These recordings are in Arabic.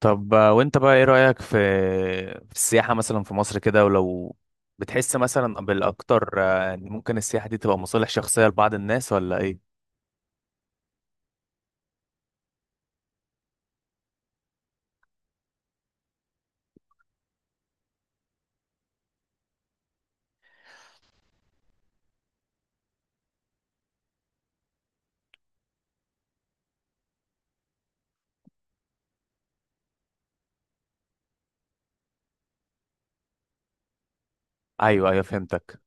طب وانت بقى ايه رأيك في السياحة مثلا في مصر كده، ولو بتحس مثلا بالاكتر ان ممكن السياحة دي تبقى مصالح شخصية لبعض الناس ولا ايه؟ ايوه ايوه، فهمتك.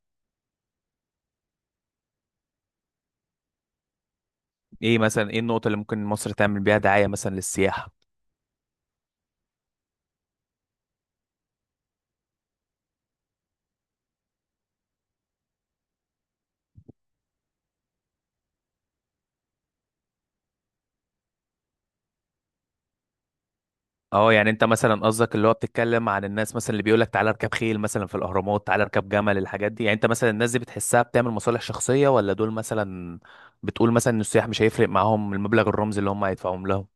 ايه مثلا، ايه النقطة اللي ممكن مصر تعمل بيها دعاية مثلا للسياحة؟ اه، يعني انت مثلا قصدك اللي هو بتتكلم عن الناس مثلا اللي بيقولك تعالى اركب خيل مثلا في الاهرامات، تعالى اركب جمل، الحاجات دي. يعني انت مثلا الناس دي بتحسها بتعمل مصالح شخصية ولا دول مثلا بتقول مثلا ان السياح مش هيفرق معاهم المبلغ الرمزي اللي هم هيدفعوهم لهم؟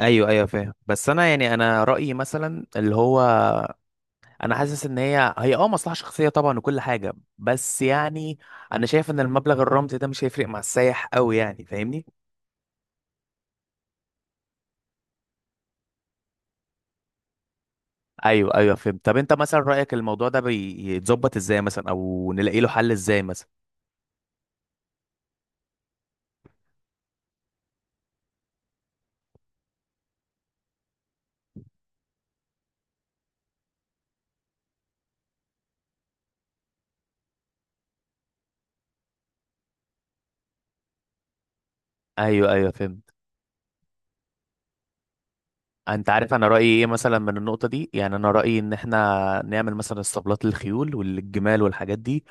ايوه ايوه فاهم. بس انا يعني انا رايي مثلا اللي هو، انا حاسس ان هي هي مصلحه شخصيه طبعا وكل حاجه، بس يعني انا شايف ان المبلغ الرمزي ده مش هيفرق مع السايح قوي، يعني فاهمني؟ ايوه ايوه فهمت. طب انت مثلا رايك الموضوع ده بيتظبط ازاي مثلا، او نلاقي له حل ازاي مثلا؟ ايوه ايوه فهمت. انت عارف انا رايي ايه مثلا من النقطه دي؟ يعني انا رايي ان احنا نعمل مثلا اسطبلات للخيول والجمال والحاجات دي،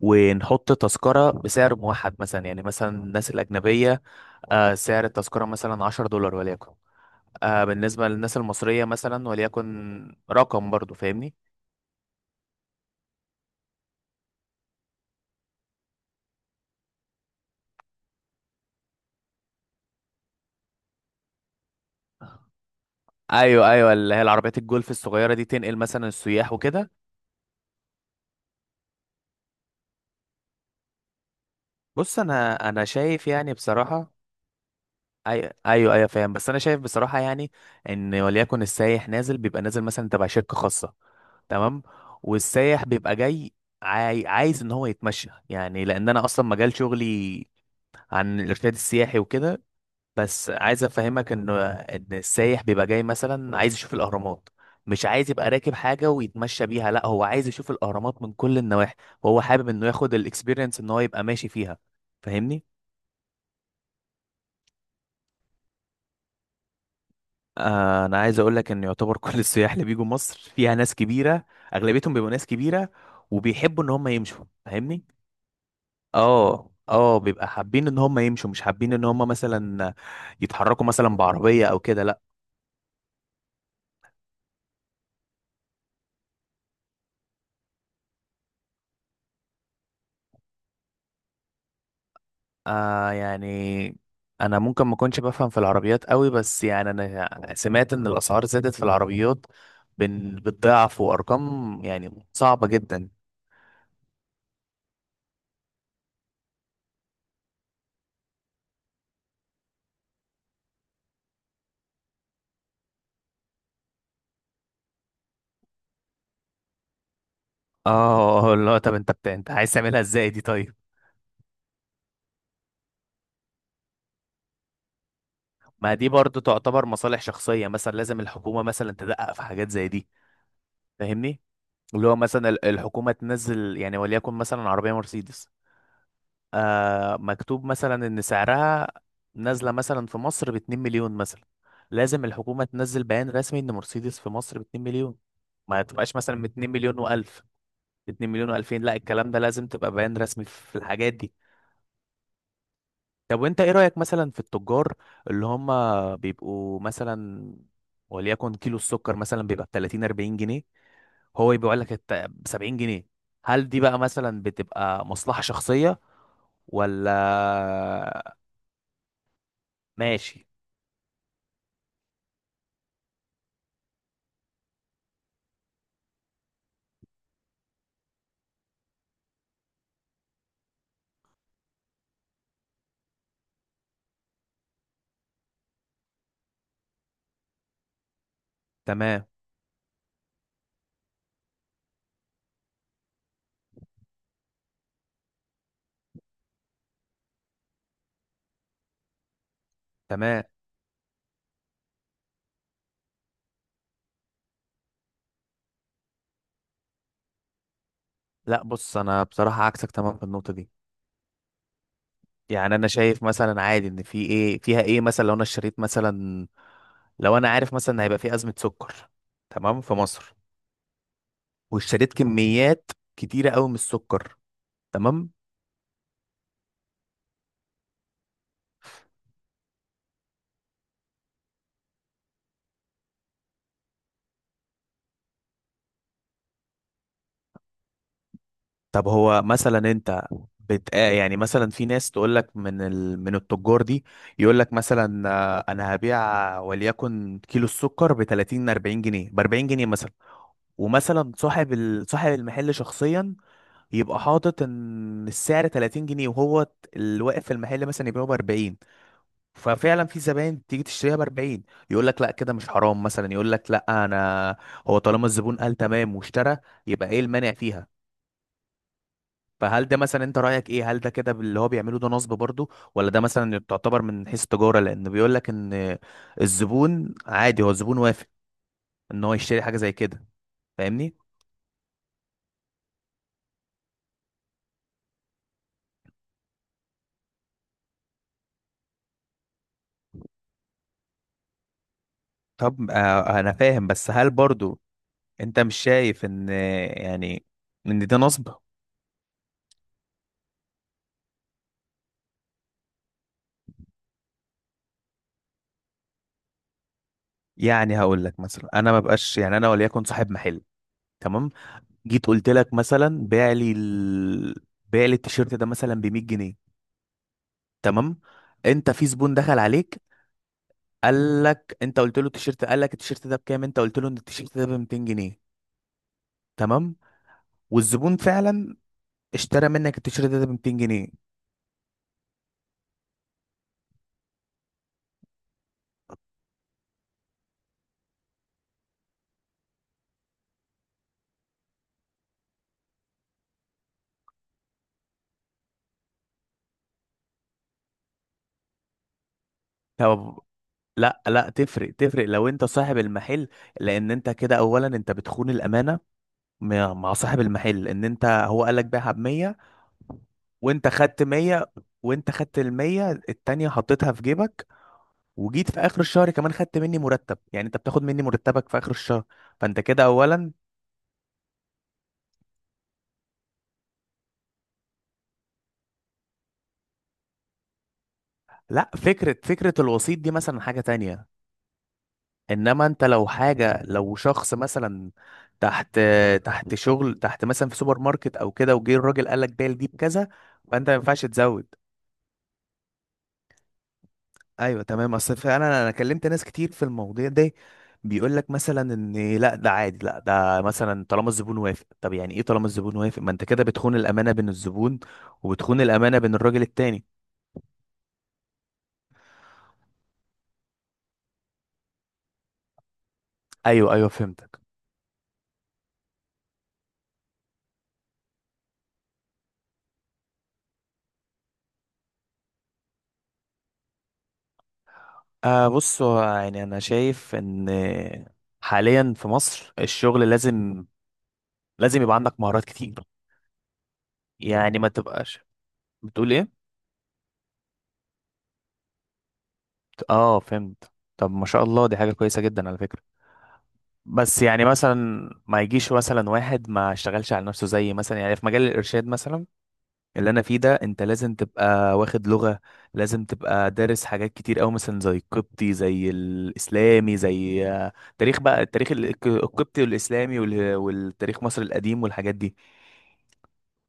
ونحط تذكره بسعر موحد. مثلا يعني مثلا الناس الاجنبيه، سعر التذكره مثلا 10 دولار وليكن، بالنسبه للناس المصريه مثلا وليكن رقم، برضو فاهمني؟ ايوه ايوه، اللي هي العربيات الجولف الصغيره دي تنقل مثلا السياح وكده. بص انا شايف يعني بصراحه، ايوه ايوه ايوه فاهم، بس انا شايف بصراحه يعني، ان وليكن السايح نازل بيبقى نازل مثلا تبع شركه خاصه، تمام، والسايح بيبقى جاي عايز ان هو يتمشى، يعني لان انا اصلا مجال شغلي عن الارشاد السياحي وكده. بس عايز افهمك ان السايح بيبقى جاي مثلا عايز يشوف الاهرامات، مش عايز يبقى راكب حاجه ويتمشى بيها، لا، هو عايز يشوف الاهرامات من كل النواحي، وهو حابب انه ياخد الاكسبيرينس ان هو يبقى ماشي فيها، فاهمني؟ انا عايز اقول لك ان يعتبر كل السياح اللي بيجوا مصر فيها ناس كبيره، اغلبيتهم بيبقوا ناس كبيره وبيحبوا ان هم يمشوا، فاهمني؟ اه اه، بيبقى حابين ان هم يمشوا، مش حابين ان هم مثلا يتحركوا مثلا بعربيه او كده، لا. آه يعني انا ممكن ما اكونش بفهم في العربيات قوي، بس يعني انا سمعت ان الاسعار زادت في العربيات بالضعف، وارقام يعني صعبه جدا. اه لا، طب انت انت عايز تعملها ازاي دي طيب؟ ما دي برضو تعتبر مصالح شخصية، مثلا لازم الحكومة مثلا تدقق في حاجات زي دي، فاهمني؟ اللي هو مثلا الحكومة تنزل يعني وليكن مثلا عربية مرسيدس، آه مكتوب مثلا إن سعرها نازلة مثلا في مصر بـ2 مليون مثلا، لازم الحكومة تنزل بيان رسمي إن مرسيدس في مصر بـ2 مليون، ما تبقاش مثلا بـ2 مليون وألف، بـ2 مليون وألفين، لا، الكلام ده لازم تبقى بيان رسمي في الحاجات دي. طب وانت ايه رأيك مثلا في التجار اللي هم بيبقوا مثلا وليكن كيلو السكر مثلا بيبقى ب 30 40 جنيه، هو يبيع لك ب 70 جنيه؟ هل دي بقى مثلا بتبقى مصلحة شخصية ولا؟ ماشي. تمام تمام. لا بص، انا بصراحة عكسك تمام في النقطة دي. يعني انا شايف مثلا عادي ان في ايه فيها ايه. مثلا لو انا اشتريت مثلا، لو انا عارف مثلا هيبقى في أزمة سكر، تمام، في مصر، واشتريت كميات كتيرة قوي من السكر، تمام. طب هو مثلا انت يعني مثلا في ناس تقول لك من من التجار دي يقول لك مثلا، انا هبيع وليكن كيلو السكر ب 30 40 جنيه، ب 40 جنيه مثلا. ومثلا صاحب صاحب المحل شخصيا يبقى حاطط ان السعر 30 جنيه، وهو الواقف في المحل مثلا يبيعه ب 40، ففعلا في زباين تيجي تشتريها ب 40. يقول لك لا كده مش حرام مثلا؟ يقول لك لا انا، هو طالما الزبون قال تمام واشترى يبقى ايه المانع فيها. فهل ده مثلا، انت رايك ايه، هل ده كده اللي هو بيعمله ده نصب برضه، ولا ده مثلا تعتبر من حيث التجاره، لان بيقول لك ان الزبون عادي، هو الزبون وافق ان هو يشتري حاجه زي كده، فاهمني؟ طب انا فاهم، بس هل برضه انت مش شايف ان يعني ان ده نصب؟ يعني هقول لك مثلا، انا ما بقاش يعني انا وليكن صاحب محل، تمام، جيت قلت لك مثلا بيع لي بيع لي التيشيرت ده مثلا ب 100 جنيه، تمام، انت في زبون دخل عليك قال لك انت، قلت له التيشيرت، قال لك التيشيرت ده بكام، انت قلت له ان التيشيرت ده ب 200 جنيه، تمام، والزبون فعلا اشترى منك التيشيرت ده ب 200 جنيه. طب، لا لا تفرق تفرق لو انت صاحب المحل، لان انت كده اولا انت بتخون الامانه مع صاحب المحل، ان انت هو قال لك بيعها ب 100 وانت خدت 100، وانت خدت ال 100 التانية حطيتها في جيبك، وجيت في اخر الشهر كمان خدت مني مرتب، يعني انت بتاخد مني مرتبك في اخر الشهر. فانت كده اولا، لا، فكرة الوسيط دي مثلا حاجة تانية. انما انت لو حاجة، لو شخص مثلا تحت تحت شغل مثلا في سوبر ماركت او كده، وجه الراجل قال لك بيع دي بكذا، فانت ما ينفعش تزود. ايوه تمام. اصل فعلا انا كلمت ناس كتير في المواضيع دي، بيقول لك مثلا ان لا ده عادي، لا ده مثلا طالما الزبون وافق. طب يعني ايه طالما الزبون وافق؟ ما انت كده بتخون الامانه بين الزبون وبتخون الامانه بين الراجل التاني. ايوه ايوه فهمتك. آه بص، هو يعني انا شايف ان حاليا في مصر الشغل لازم، لازم يبقى عندك مهارات كتير، يعني ما تبقاش، بتقول ايه؟ اه فهمت. طب ما شاء الله، دي حاجه كويسه جدا على فكره. بس يعني مثلا ما يجيش مثلا واحد ما اشتغلش على نفسه، زي مثلا يعني في مجال الارشاد مثلا اللي انا فيه ده، انت لازم تبقى واخد لغة، لازم تبقى دارس حاجات كتير قوي، مثلا زي القبطي زي الاسلامي زي تاريخ، بقى التاريخ القبطي والاسلامي والتاريخ مصر القديم والحاجات دي.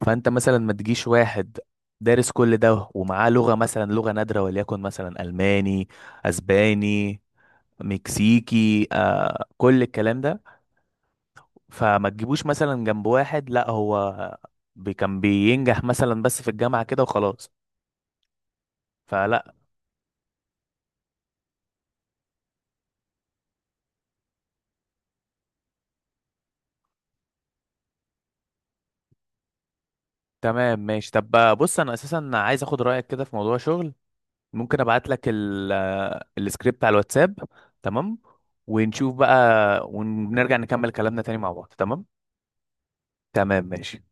فانت مثلا ما تجيش واحد دارس كل ده ومعاه لغة مثلا، لغة نادرة وليكن مثلا الماني، اسباني، مكسيكي، آه كل الكلام ده، فما تجيبوش مثلا جنب واحد لا هو كان بينجح مثلا بس في الجامعة كده وخلاص فلا. تمام ماشي. طب بقى بص، انا اساسا عايز اخد رأيك كده في موضوع شغل، ممكن ابعت لك السكريبت على الواتساب، تمام؟ ونشوف بقى، ونرجع نكمل كلامنا تاني مع بعض، تمام. تمام ماشي.